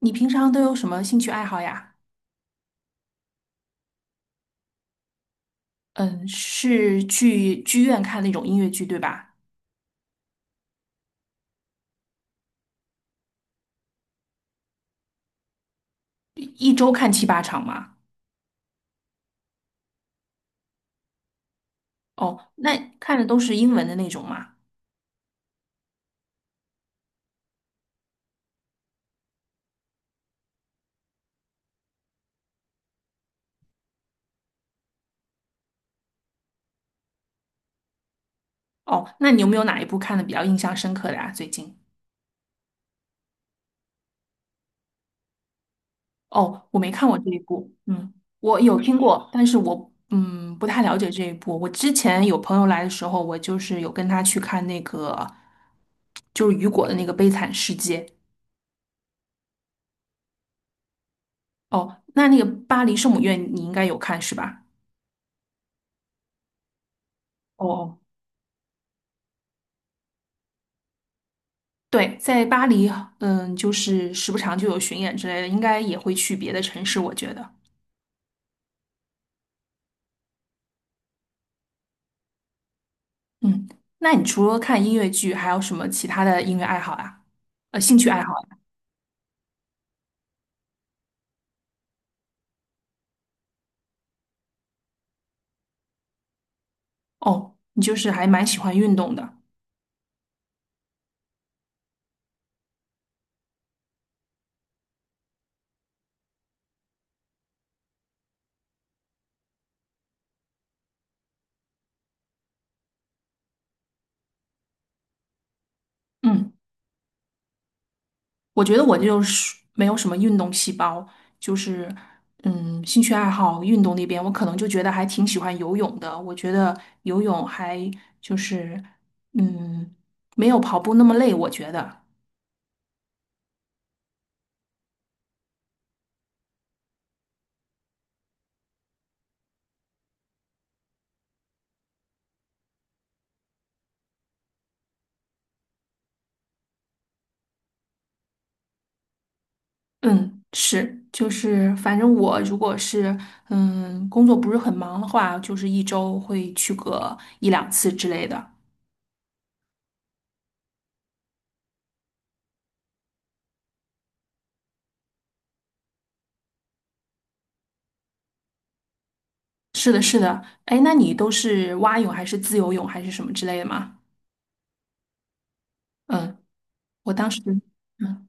你平常都有什么兴趣爱好呀？嗯，是去剧院看那种音乐剧，对吧？一周看七八场吗？哦，那看的都是英文的那种吗？哦，那你有没有哪一部看的比较印象深刻的呀？最近？哦，我没看过这一部，嗯，我有听过，但是我不太了解这一部。我之前有朋友来的时候，我就是有跟他去看那个，就是雨果的那个《悲惨世界》。哦，那个巴黎圣母院你应该有看是吧？哦哦，对，在巴黎，嗯，就是时不常就有巡演之类的，应该也会去别的城市，我觉得。嗯，那你除了看音乐剧，还有什么其他的音乐爱好呀？兴趣爱好呀。哦，你就是还蛮喜欢运动的。嗯，我觉得我就是没有什么运动细胞，就是兴趣爱好运动那边，我可能就觉得还挺喜欢游泳的。我觉得游泳还就是嗯，没有跑步那么累，我觉得。嗯，是，就是反正我如果是工作不是很忙的话，就是一周会去个一两次之类的。是的，是的。哎，那你都是蛙泳还是自由泳还是什么之类的吗？嗯，我当时。嗯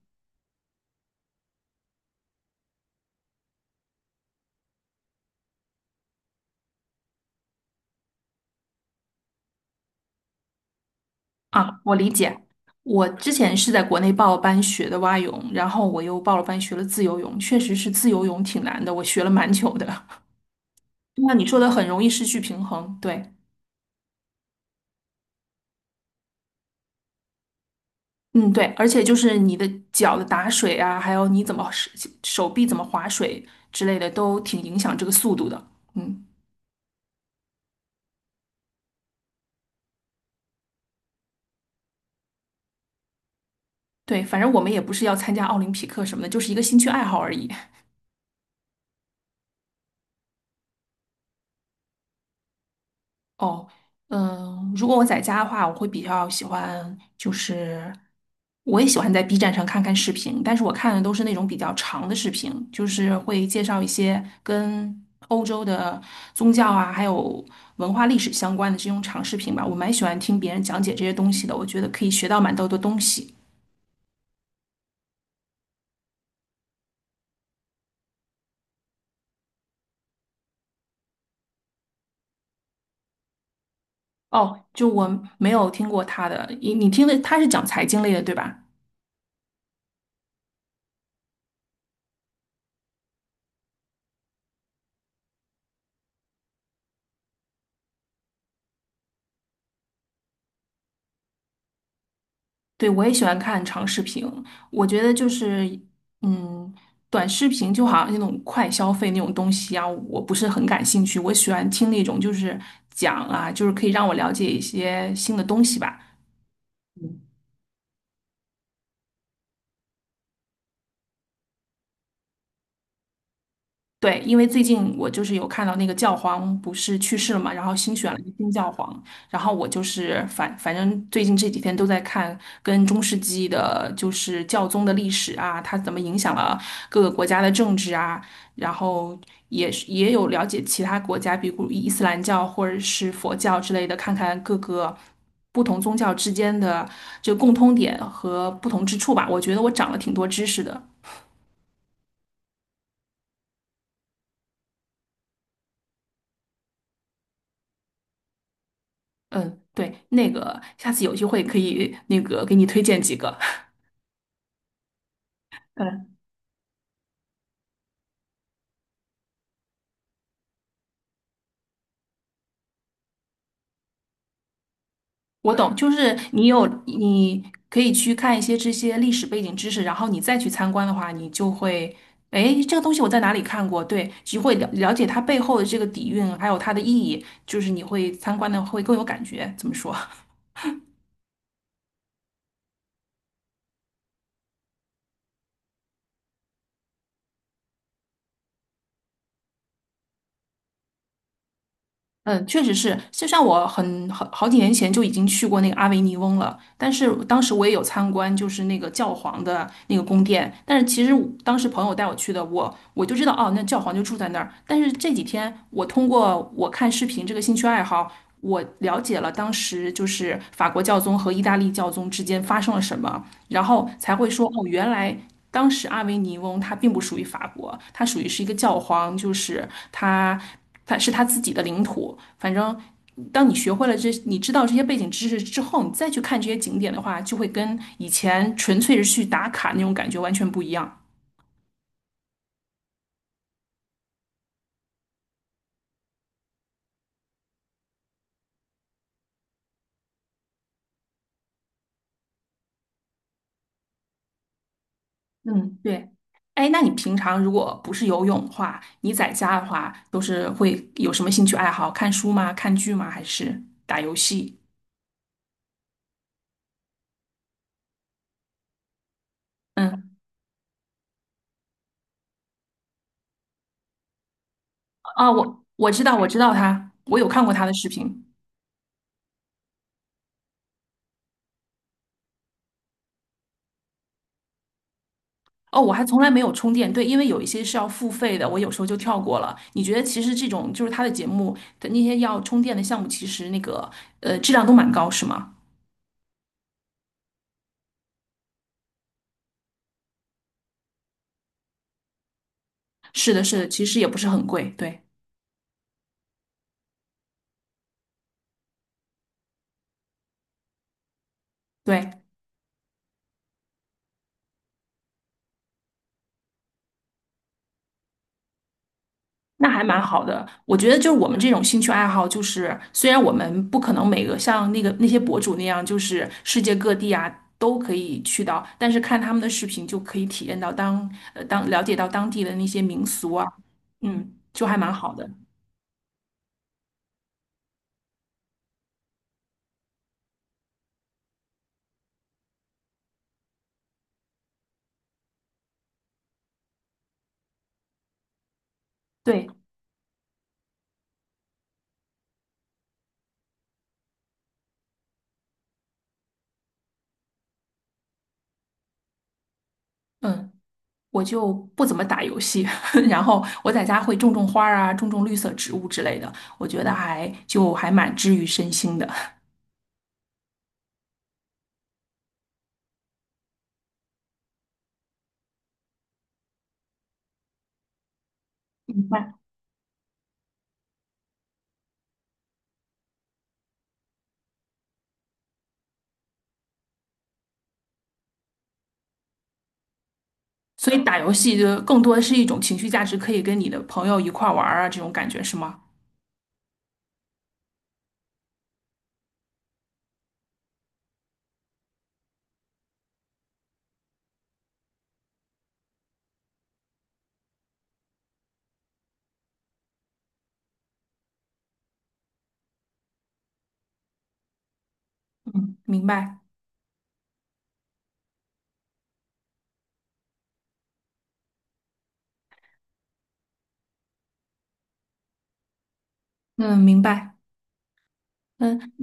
我理解。我之前是在国内报了班学的蛙泳，然后我又报了班学了自由泳，确实是自由泳挺难的，我学了蛮久的。那你说的很容易失去平衡，对。嗯，对，而且就是你的脚的打水啊，还有你怎么手臂怎么划水之类的，都挺影响这个速度的。嗯，对，反正我们也不是要参加奥林匹克什么的，就是一个兴趣爱好而已。哦，嗯，如果我在家的话，我会比较喜欢，就是我也喜欢在 B 站上看看视频，但是我看的都是那种比较长的视频，就是会介绍一些跟欧洲的宗教啊，还有文化历史相关的这种长视频吧。我蛮喜欢听别人讲解这些东西的，我觉得可以学到蛮多的东西。哦，就我没有听过他的，你听的他是讲财经类的，对吧？对，我也喜欢看长视频，我觉得就是，嗯，短视频就好像那种快消费那种东西啊，我不是很感兴趣。我喜欢听那种就是讲啊，就是可以让我了解一些新的东西吧。对，因为最近我就是有看到那个教皇不是去世了嘛，然后新选了一个新教皇，然后我就是反正最近这几天都在看跟中世纪的，就是教宗的历史啊，它怎么影响了各个国家的政治啊，然后也有了解其他国家，比如伊斯兰教或者是佛教之类的，看看各个不同宗教之间的这个共通点和不同之处吧。我觉得我长了挺多知识的。嗯，对，那个下次有机会可以那个给你推荐几个。嗯，我懂，就是你可以去看一些这些历史背景知识，然后你再去参观的话，你就会，哎，这个东西我在哪里看过？对，就会了解它背后的这个底蕴，还有它的意义，就是你会参观的会更有感觉。怎么说？嗯，确实是，就像我很好几年前就已经去过那个阿维尼翁了，但是当时我也有参观，就是那个教皇的那个宫殿。但是其实我当时朋友带我去的，我就知道哦，那教皇就住在那儿。但是这几天我通过我看视频这个兴趣爱好，我了解了当时就是法国教宗和意大利教宗之间发生了什么，然后才会说哦，原来当时阿维尼翁它并不属于法国，它属于是一个教皇，就是他是他自己的领土。反正当你学会了这，你知道这些背景知识之后，你再去看这些景点的话，就会跟以前纯粹是去打卡那种感觉完全不一样。嗯，对。哎，那你平常如果不是游泳的话，你在家的话都是会有什么兴趣爱好？看书吗？看剧吗？还是打游戏？嗯，啊，我知道，我知道他，我有看过他的视频。哦，我还从来没有充电，对，因为有一些是要付费的，我有时候就跳过了。你觉得其实这种就是他的节目的那些要充电的项目，其实那个质量都蛮高，是吗？是的，是的，其实也不是很贵，对对，那还蛮好的。我觉得就是我们这种兴趣爱好，就是虽然我们不可能每个像那些博主那样，就是世界各地啊都可以去到，但是看他们的视频就可以体验到当呃当了解到当地的那些民俗啊，嗯，就还蛮好的。对，嗯。我就不怎么打游戏，然后我在家会种种花儿啊，种种绿色植物之类的，我觉得还蛮治愈身心的。明白。所以打游戏就更多的是一种情绪价值，可以跟你的朋友一块儿玩儿啊，这种感觉是吗？嗯，明白。嗯，明白。嗯。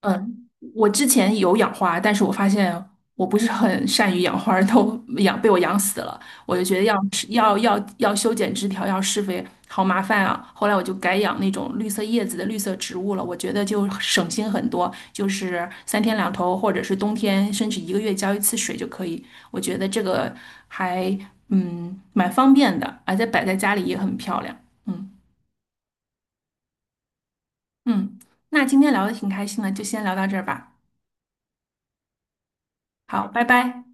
嗯，我之前有养花，但是我发现我不是很善于养花儿，都 养被我养死了。我就觉得要修剪枝条，要施肥，好麻烦啊。后来我就改养那种绿色叶子的绿色植物了，我觉得就省心很多，就是三天两头，或者是冬天，甚至一个月浇一次水就可以。我觉得这个还蛮方便的，而且摆在家里也很漂亮。嗯嗯，那今天聊的挺开心的，就先聊到这儿吧。好，拜拜。